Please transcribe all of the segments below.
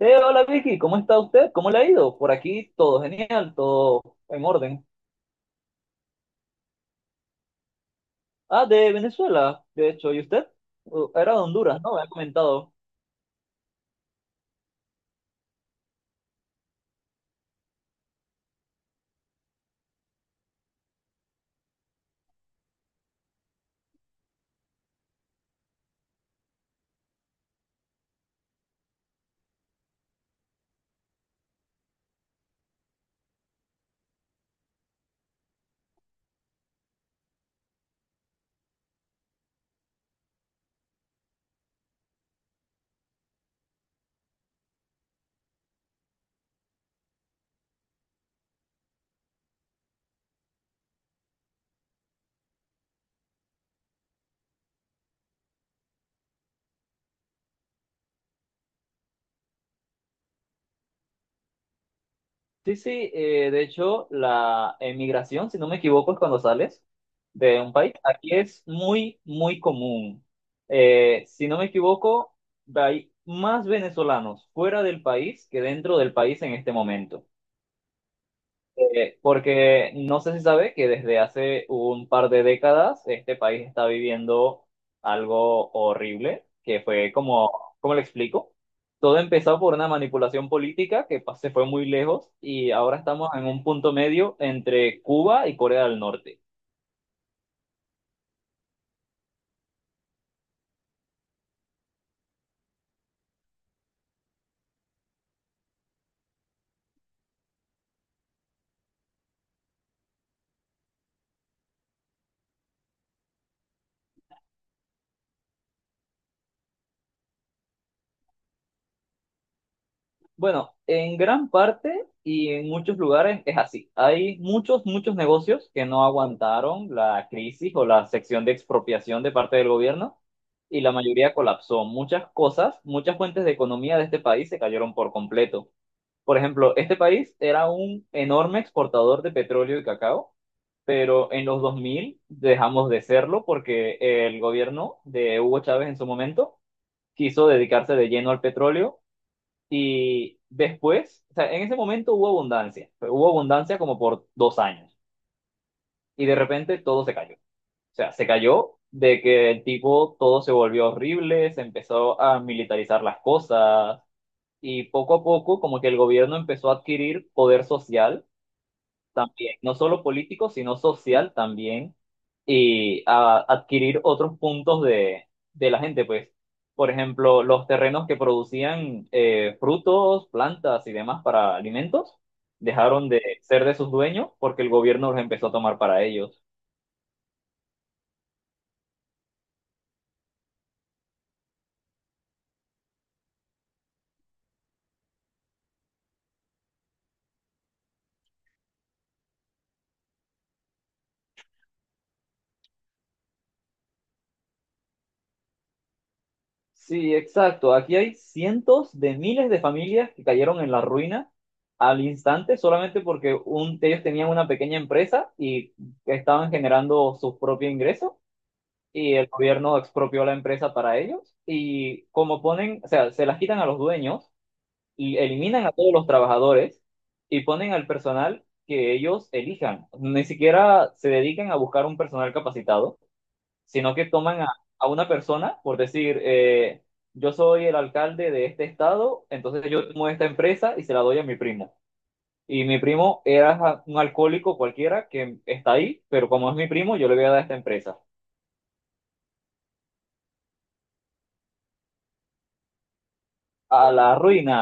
Hola Vicky, ¿cómo está usted? ¿Cómo le ha ido? Por aquí todo genial, todo en orden. Ah, de Venezuela, de hecho, ¿y usted? Era de Honduras, ¿no? Me ha comentado. Sí, sí, de hecho, la emigración, si no me equivoco, es cuando sales de un país. Aquí es muy, muy común. Si no me equivoco, hay más venezolanos fuera del país que dentro del país en este momento. Porque no sé si sabe que desde hace un par de décadas este país está viviendo algo horrible, que fue como, ¿cómo le explico? Todo empezó por una manipulación política que se fue muy lejos y ahora estamos en un punto medio entre Cuba y Corea del Norte. Bueno, en gran parte y en muchos lugares es así. Hay muchos, muchos negocios que no aguantaron la crisis o la sección de expropiación de parte del gobierno y la mayoría colapsó. Muchas cosas, muchas fuentes de economía de este país se cayeron por completo. Por ejemplo, este país era un enorme exportador de petróleo y cacao, pero en los 2000 dejamos de serlo porque el gobierno de Hugo Chávez en su momento quiso dedicarse de lleno al petróleo y después, o sea, en ese momento hubo abundancia, pero hubo abundancia como por 2 años. Y de repente todo se cayó. O sea, se cayó de que el tipo todo se volvió horrible, se empezó a militarizar las cosas y poco a poco como que el gobierno empezó a adquirir poder social también, no solo político, sino social también, y a adquirir otros puntos de la gente, pues, por ejemplo, los terrenos que producían frutos, plantas y demás para alimentos, dejaron de ser de sus dueños porque el gobierno los empezó a tomar para ellos. Sí, exacto. Aquí hay cientos de miles de familias que cayeron en la ruina al instante solamente porque ellos tenían una pequeña empresa y estaban generando sus propios ingresos y el gobierno expropió la empresa para ellos y como ponen, o sea, se las quitan a los dueños y eliminan a todos los trabajadores y ponen al personal que ellos elijan. Ni siquiera se dedican a buscar un personal capacitado, sino que toman a una persona por decir, yo soy el alcalde de este estado, entonces yo tomo esta empresa y se la doy a mi primo. Y mi primo era un alcohólico cualquiera que está ahí, pero como es mi primo, yo le voy a dar esta empresa. A la ruina.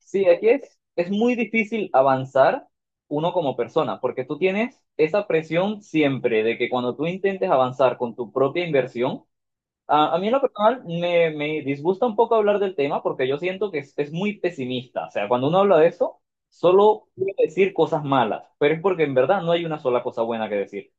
Sí, aquí es muy difícil avanzar uno como persona, porque tú tienes esa presión siempre de que cuando tú intentes avanzar con tu propia inversión, a mí en lo personal me disgusta un poco hablar del tema porque yo siento que es muy pesimista. O sea, cuando uno habla de eso, solo puede decir cosas malas, pero es porque en verdad no hay una sola cosa buena que decir.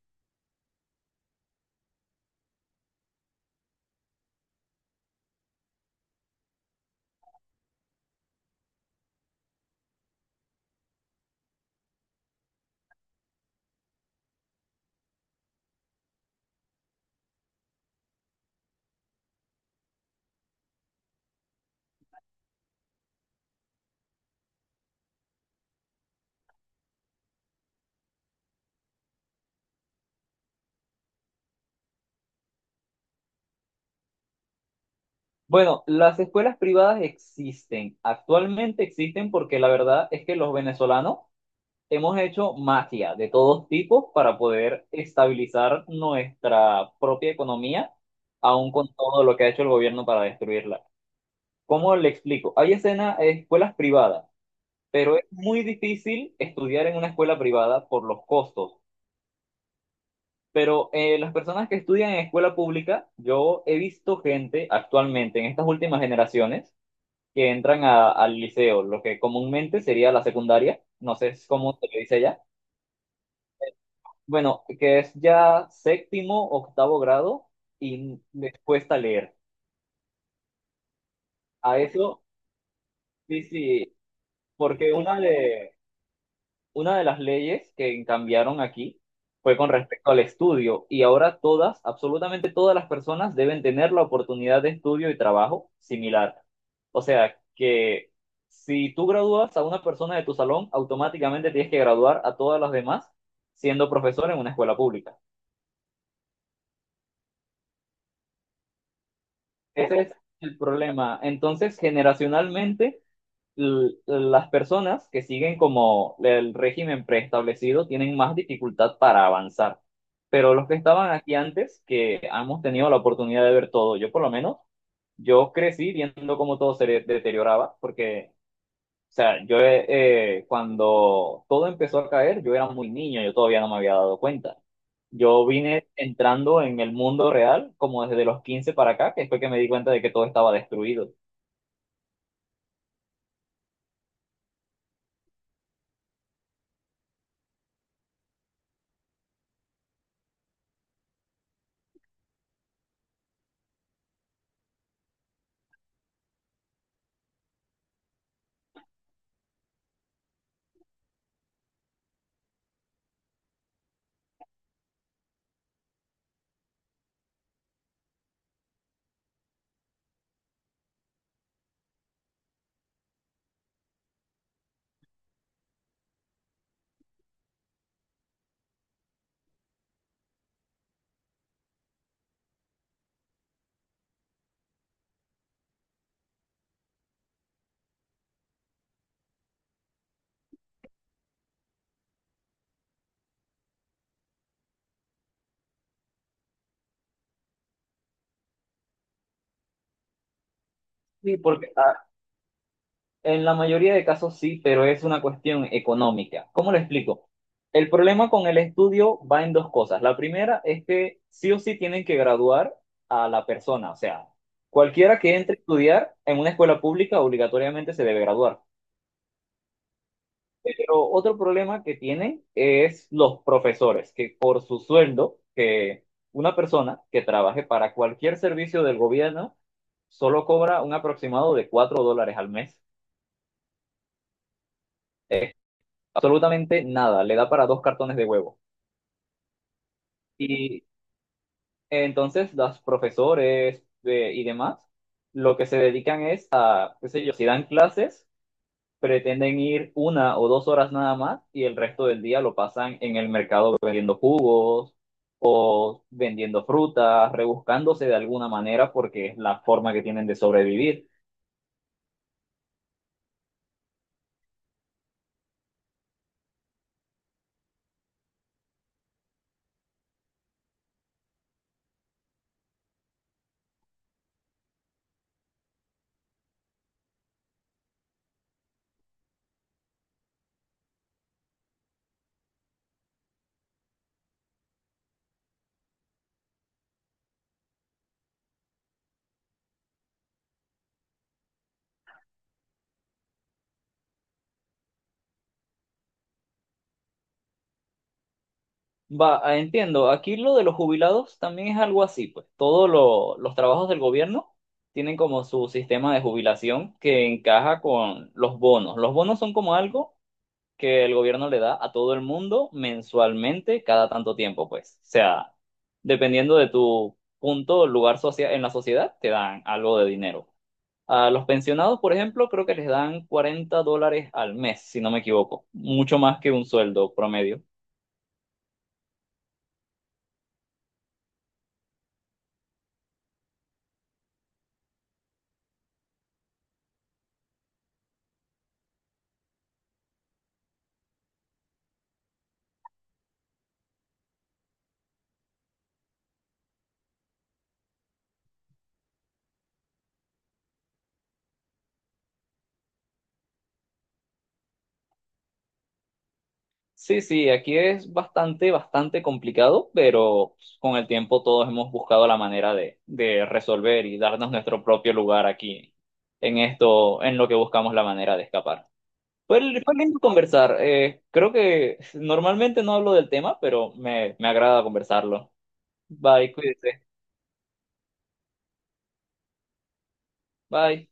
Bueno, las escuelas privadas existen, actualmente existen porque la verdad es que los venezolanos hemos hecho magia de todos tipos para poder estabilizar nuestra propia economía, aun con todo lo que ha hecho el gobierno para destruirla. ¿Cómo le explico? Hay escuelas privadas, pero es muy difícil estudiar en una escuela privada por los costos. Pero las personas que estudian en escuela pública, yo he visto gente actualmente en estas últimas generaciones que entran al liceo, lo que comúnmente sería la secundaria, no sé cómo se le dice allá. Bueno, que es ya séptimo, octavo grado y les cuesta leer. A eso, sí, sí, porque una de las leyes que cambiaron aquí fue con respecto al estudio y ahora todas, absolutamente todas las personas deben tener la oportunidad de estudio y trabajo similar. O sea, que si tú gradúas a una persona de tu salón, automáticamente tienes que graduar a todas las demás siendo profesor en una escuela pública. Ese es el problema. Entonces, generacionalmente, las personas que siguen como el régimen preestablecido tienen más dificultad para avanzar. Pero los que estaban aquí antes, que hemos tenido la oportunidad de ver todo, yo por lo menos, yo crecí viendo cómo todo se deterioraba, porque o sea, yo cuando todo empezó a caer, yo era muy niño, yo todavía no me había dado cuenta. Yo vine entrando en el mundo real como desde los 15 para acá, que fue que me di cuenta de que todo estaba destruido. Sí, porque ah, en la mayoría de casos sí, pero es una cuestión económica. ¿Cómo lo explico? El problema con el estudio va en dos cosas. La primera es que sí o sí tienen que graduar a la persona, o sea, cualquiera que entre a estudiar en una escuela pública obligatoriamente se debe graduar. Pero otro problema que tiene es los profesores, que por su sueldo, que una persona que trabaje para cualquier servicio del gobierno solo cobra un aproximado de 4 dólares al mes. Absolutamente nada, le da para dos cartones de huevo. Y entonces los profesores y demás, lo que se dedican es a, qué sé yo, si dan clases, pretenden ir 1 o 2 horas nada más y el resto del día lo pasan en el mercado vendiendo jugos o vendiendo frutas, rebuscándose de alguna manera porque es la forma que tienen de sobrevivir. Va, ah, entiendo, aquí lo de los jubilados también es algo así, pues todos los trabajos del gobierno tienen como su sistema de jubilación que encaja con los bonos. Los bonos son como algo que el gobierno le da a todo el mundo mensualmente cada tanto tiempo, pues. O sea, dependiendo de tu punto, lugar socia- en la sociedad, te dan algo de dinero. A los pensionados, por ejemplo, creo que les dan 40 dólares al mes, si no me equivoco, mucho más que un sueldo promedio. Sí, sí, aquí es bastante, bastante complicado, pero pues, con el tiempo todos hemos buscado la manera de resolver y darnos nuestro propio lugar aquí en esto, en lo que buscamos la manera de escapar. Fue, fue lindo conversar. Creo que normalmente no hablo del tema, pero me agrada conversarlo. Bye, cuídese. Bye.